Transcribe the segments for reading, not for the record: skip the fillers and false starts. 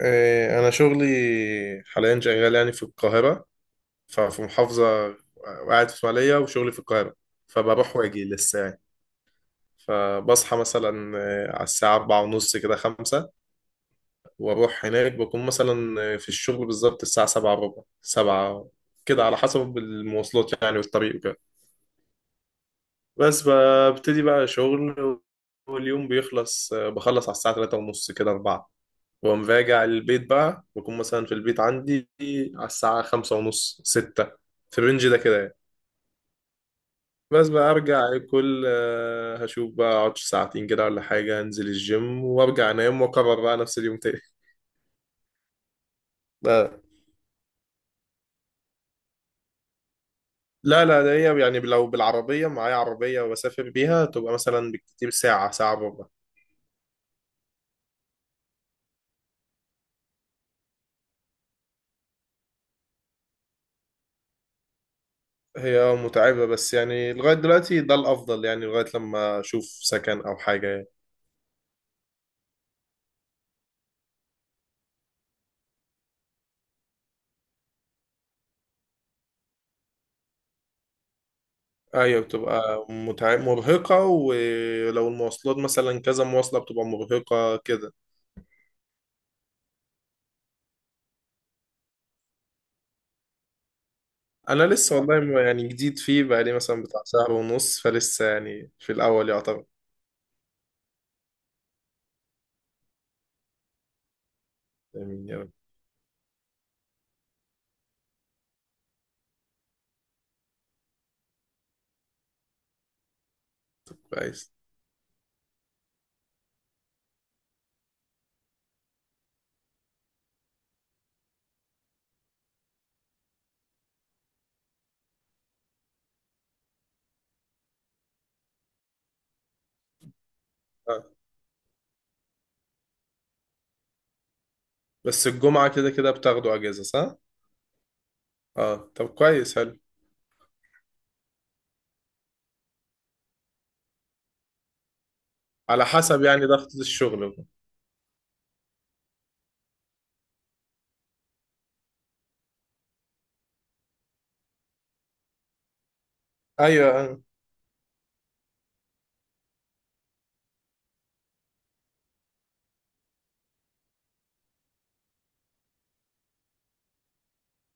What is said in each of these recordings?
إيه، أنا شغلي حاليا شغال يعني في القاهرة، ففي محافظة، وقاعد في إسماعيلية وشغلي في القاهرة، فبروح وأجي لسه يعني. فبصحى مثلا إيه، على الساعة أربعة ونص كده خمسة، وأروح هناك بكون مثلا إيه، في الشغل بالظبط الساعة سبعة وربع سبعة كده، على حسب المواصلات يعني والطريق وكده، بس ببتدي بقى شغل. واليوم بيخلص بخلص على الساعة تلاتة ونص كده أربعة. واقوم راجع البيت بقى بكون مثلا في البيت عندي على الساعة خمسة ونص ستة، في الرينج ده كده يعني. بس بقى ارجع اكل، هشوف بقى اقعد 2 ساعة كده ولا حاجة، انزل الجيم وارجع انام، واكرر بقى نفس اليوم تاني. آه. لا لا، ده هي يعني لو بالعربية معايا عربية وبسافر بيها، تبقى مثلا بالكتير ساعة، ساعة وربع. هي متعبة بس يعني لغاية دلوقتي ده الأفضل يعني، لغاية لما أشوف سكن أو حاجة يعني. ايوه، بتبقى مرهقة، ولو المواصلات مثلا كذا مواصلة بتبقى مرهقة كده. انا لسه والله يعني جديد فيه، بقالي مثلا بتاع شهر ونص، فلسه يعني في الاول يعتبر. يعني كويس آه. بس الجمعة كده كده بتاخدوا اجازة صح؟ اه، طب كويس حلو. على حسب يعني ضغط الشغل بقى. ايوه انا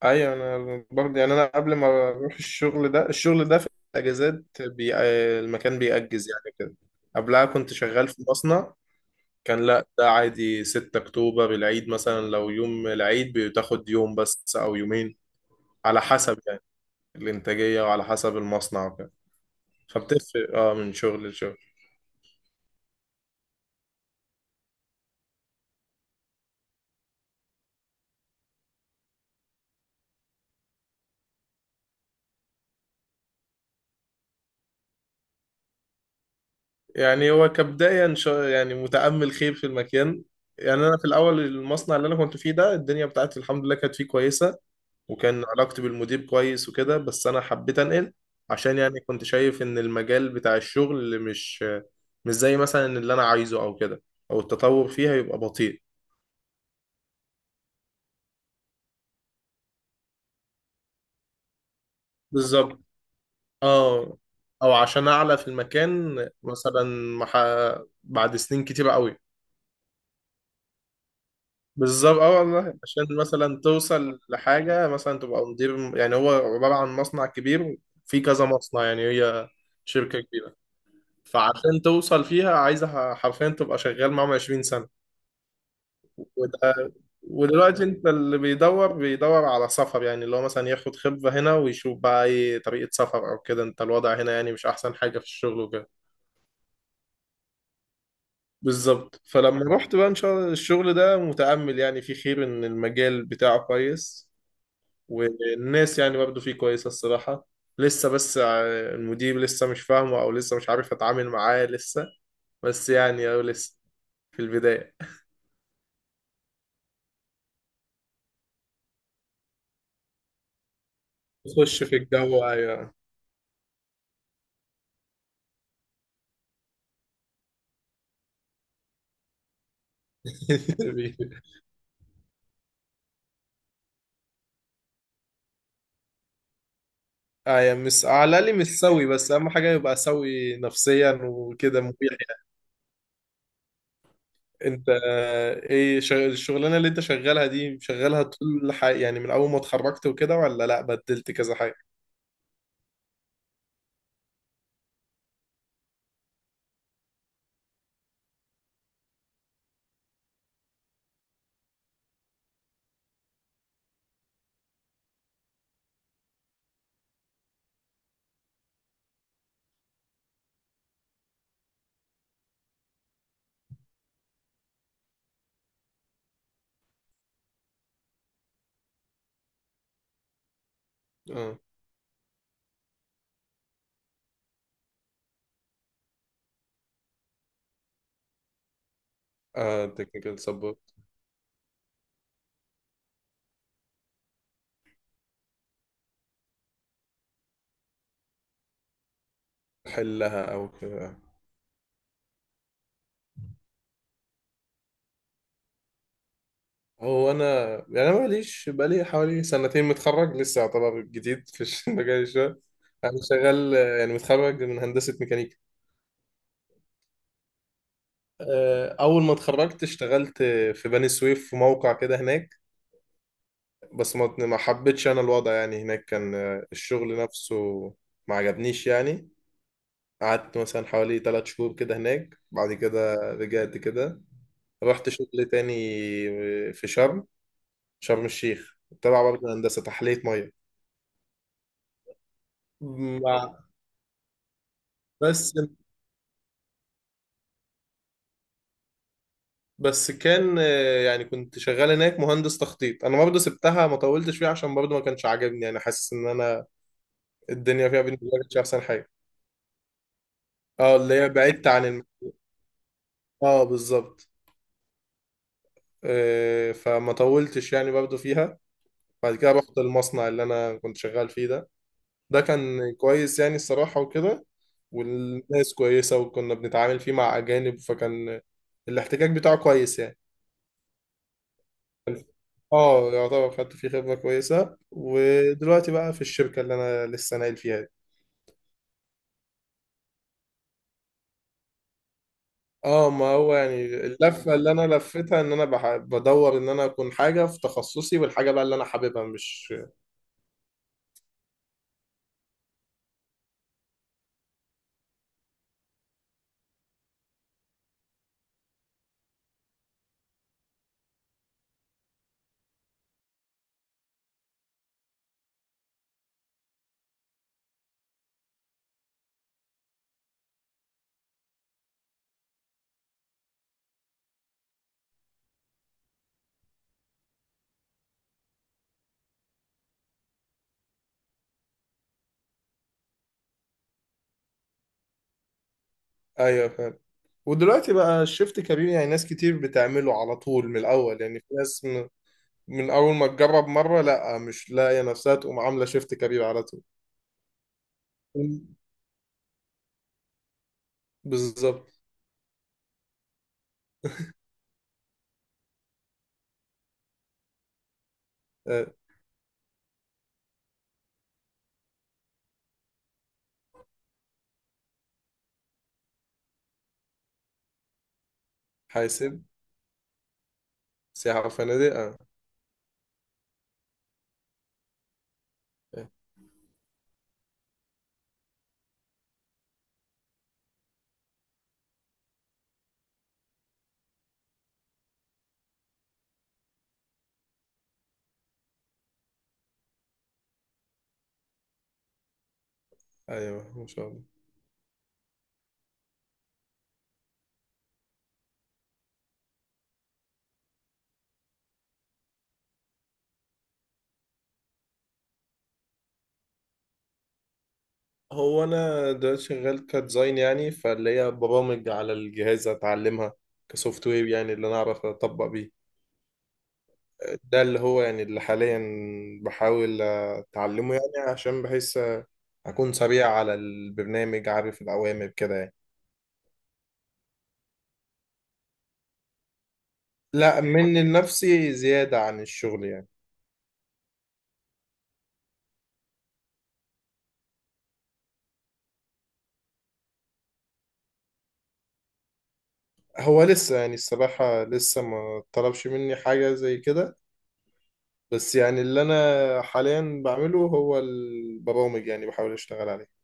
ايوه انا برضه يعني، انا قبل ما اروح الشغل ده، في الاجازات المكان بيأجز يعني كده. قبلها كنت شغال في مصنع، كان لا ده عادي. 6 اكتوبر العيد مثلا، لو يوم العيد بتاخد يوم بس او يومين، على حسب يعني الانتاجية وعلى حسب المصنع وكده. فبتفرق اه من شغل لشغل. يعني هو كبداية، يعني متأمل خير في المكان. يعني انا في الاول المصنع اللي انا كنت فيه ده، الدنيا بتاعتي الحمد لله كانت فيه كويسة، وكان علاقتي بالمدير كويس وكده، بس انا حبيت انقل عشان يعني كنت شايف ان المجال بتاع الشغل مش زي مثلا اللي انا عايزه او كده، او التطور فيها يبقى بطيء. بالظبط اه، او عشان اعلى في المكان مثلا، مح... بعد سنين كتيرة قوي. بالظبط اه والله، عشان مثلا توصل لحاجة، مثلا تبقى مدير. يعني هو عبارة عن مصنع كبير، في كذا مصنع، يعني هي شركة كبيرة. فعشان توصل فيها عايزة حرفيا تبقى شغال معاهم 20 سنة وده. ودلوقتي انت اللي بيدور بيدور على سفر، يعني اللي هو مثلا ياخد خبرة هنا ويشوف بقى ايه طريقة سفر او كده، انت الوضع هنا يعني مش احسن حاجة في الشغل وكده. بالظبط. فلما رحت بقى ان شاء الله الشغل ده متأمل يعني فيه خير، ان المجال بتاعه كويس. والناس يعني برضه فيه كويسة الصراحة، لسه بس المدير لسه مش فاهمه، او لسه مش عارف اتعامل معاه لسه، بس يعني، او لسه في البداية. تخش في الجو، ايوه. ايوه، مش على الاقل مش سوي، بس اهم حاجة يبقى سوي نفسيا وكده مريح. انت ايه الشغلانه اللي انت شغالها دي، شغالها طول يعني من اول ما اتخرجت وكده، ولا لا بدلت كذا حاجه؟ اه، اه، تكنيكال سبورت. حلها او كده. هو انا يعني انا ماليش، بقالي حوالي 2 سنة متخرج، لسه يعتبر جديد في مجال الشغل. انا شغال، يعني متخرج من هندسه ميكانيكا. اول ما اتخرجت اشتغلت في بني سويف، في موقع كده هناك. بس ما حبيتش انا الوضع يعني، هناك كان الشغل نفسه ما عجبنيش يعني. قعدت مثلا حوالي 3 شهور كده هناك، بعد كده رجعت كده، رحت شغل تاني في شرم، الشيخ، تبع برضه هندسة تحلية مية. مع. بس بس كان يعني كنت شغال هناك مهندس تخطيط، انا برضه سبتها ما طولتش فيها عشان برضه ما كانش عاجبني يعني، حاسس ان انا الدنيا فيها بالنسبة لي مش احسن حاجة. اه، اللي هي بعدت عن اه، بالظبط. فما طولتش يعني برضه فيها. بعد كده رحت المصنع اللي انا كنت شغال فيه ده. ده كان كويس يعني الصراحة وكده، والناس كويسة، وكنا بنتعامل فيه مع أجانب، فكان الاحتكاك بتاعه كويس يعني. اه، يعتبر خدت فيه خبرة كويسة، ودلوقتي بقى في الشركة اللي أنا لسه ناقل فيها دي. اه، ما هو يعني اللفة اللي أنا لفتها إن أنا بدور إن أنا أكون حاجة في تخصصي، والحاجة بقى اللي أنا حاببها، مش. أيوه فاهم. ودلوقتي بقى الشيفت كبير، يعني ناس كتير بتعمله على طول من الأول، يعني في ناس من اول ما تجرب مره لا مش لاقيه نفسها تقوم عامله شيفت كارير على طول. بالظبط. آه، حاسب. سياحه وفنادق آه. آه، ايوه ما شاء الله. هو انا دلوقتي شغال كديزاين، يعني فاللي هي برامج على الجهاز اتعلمها، كسوفت وير يعني، اللي انا اعرف اطبق بيه. ده اللي هو يعني اللي حاليا بحاول اتعلمه، يعني عشان بحيث اكون سريع على البرنامج عارف الاوامر كده يعني. لا، من نفسي زيادة عن الشغل يعني. هو لسه يعني الصراحة لسه ما طلبش مني حاجة زي كده، بس يعني اللي أنا حاليا بعمله هو البرامج، يعني بحاول أشتغل عليه.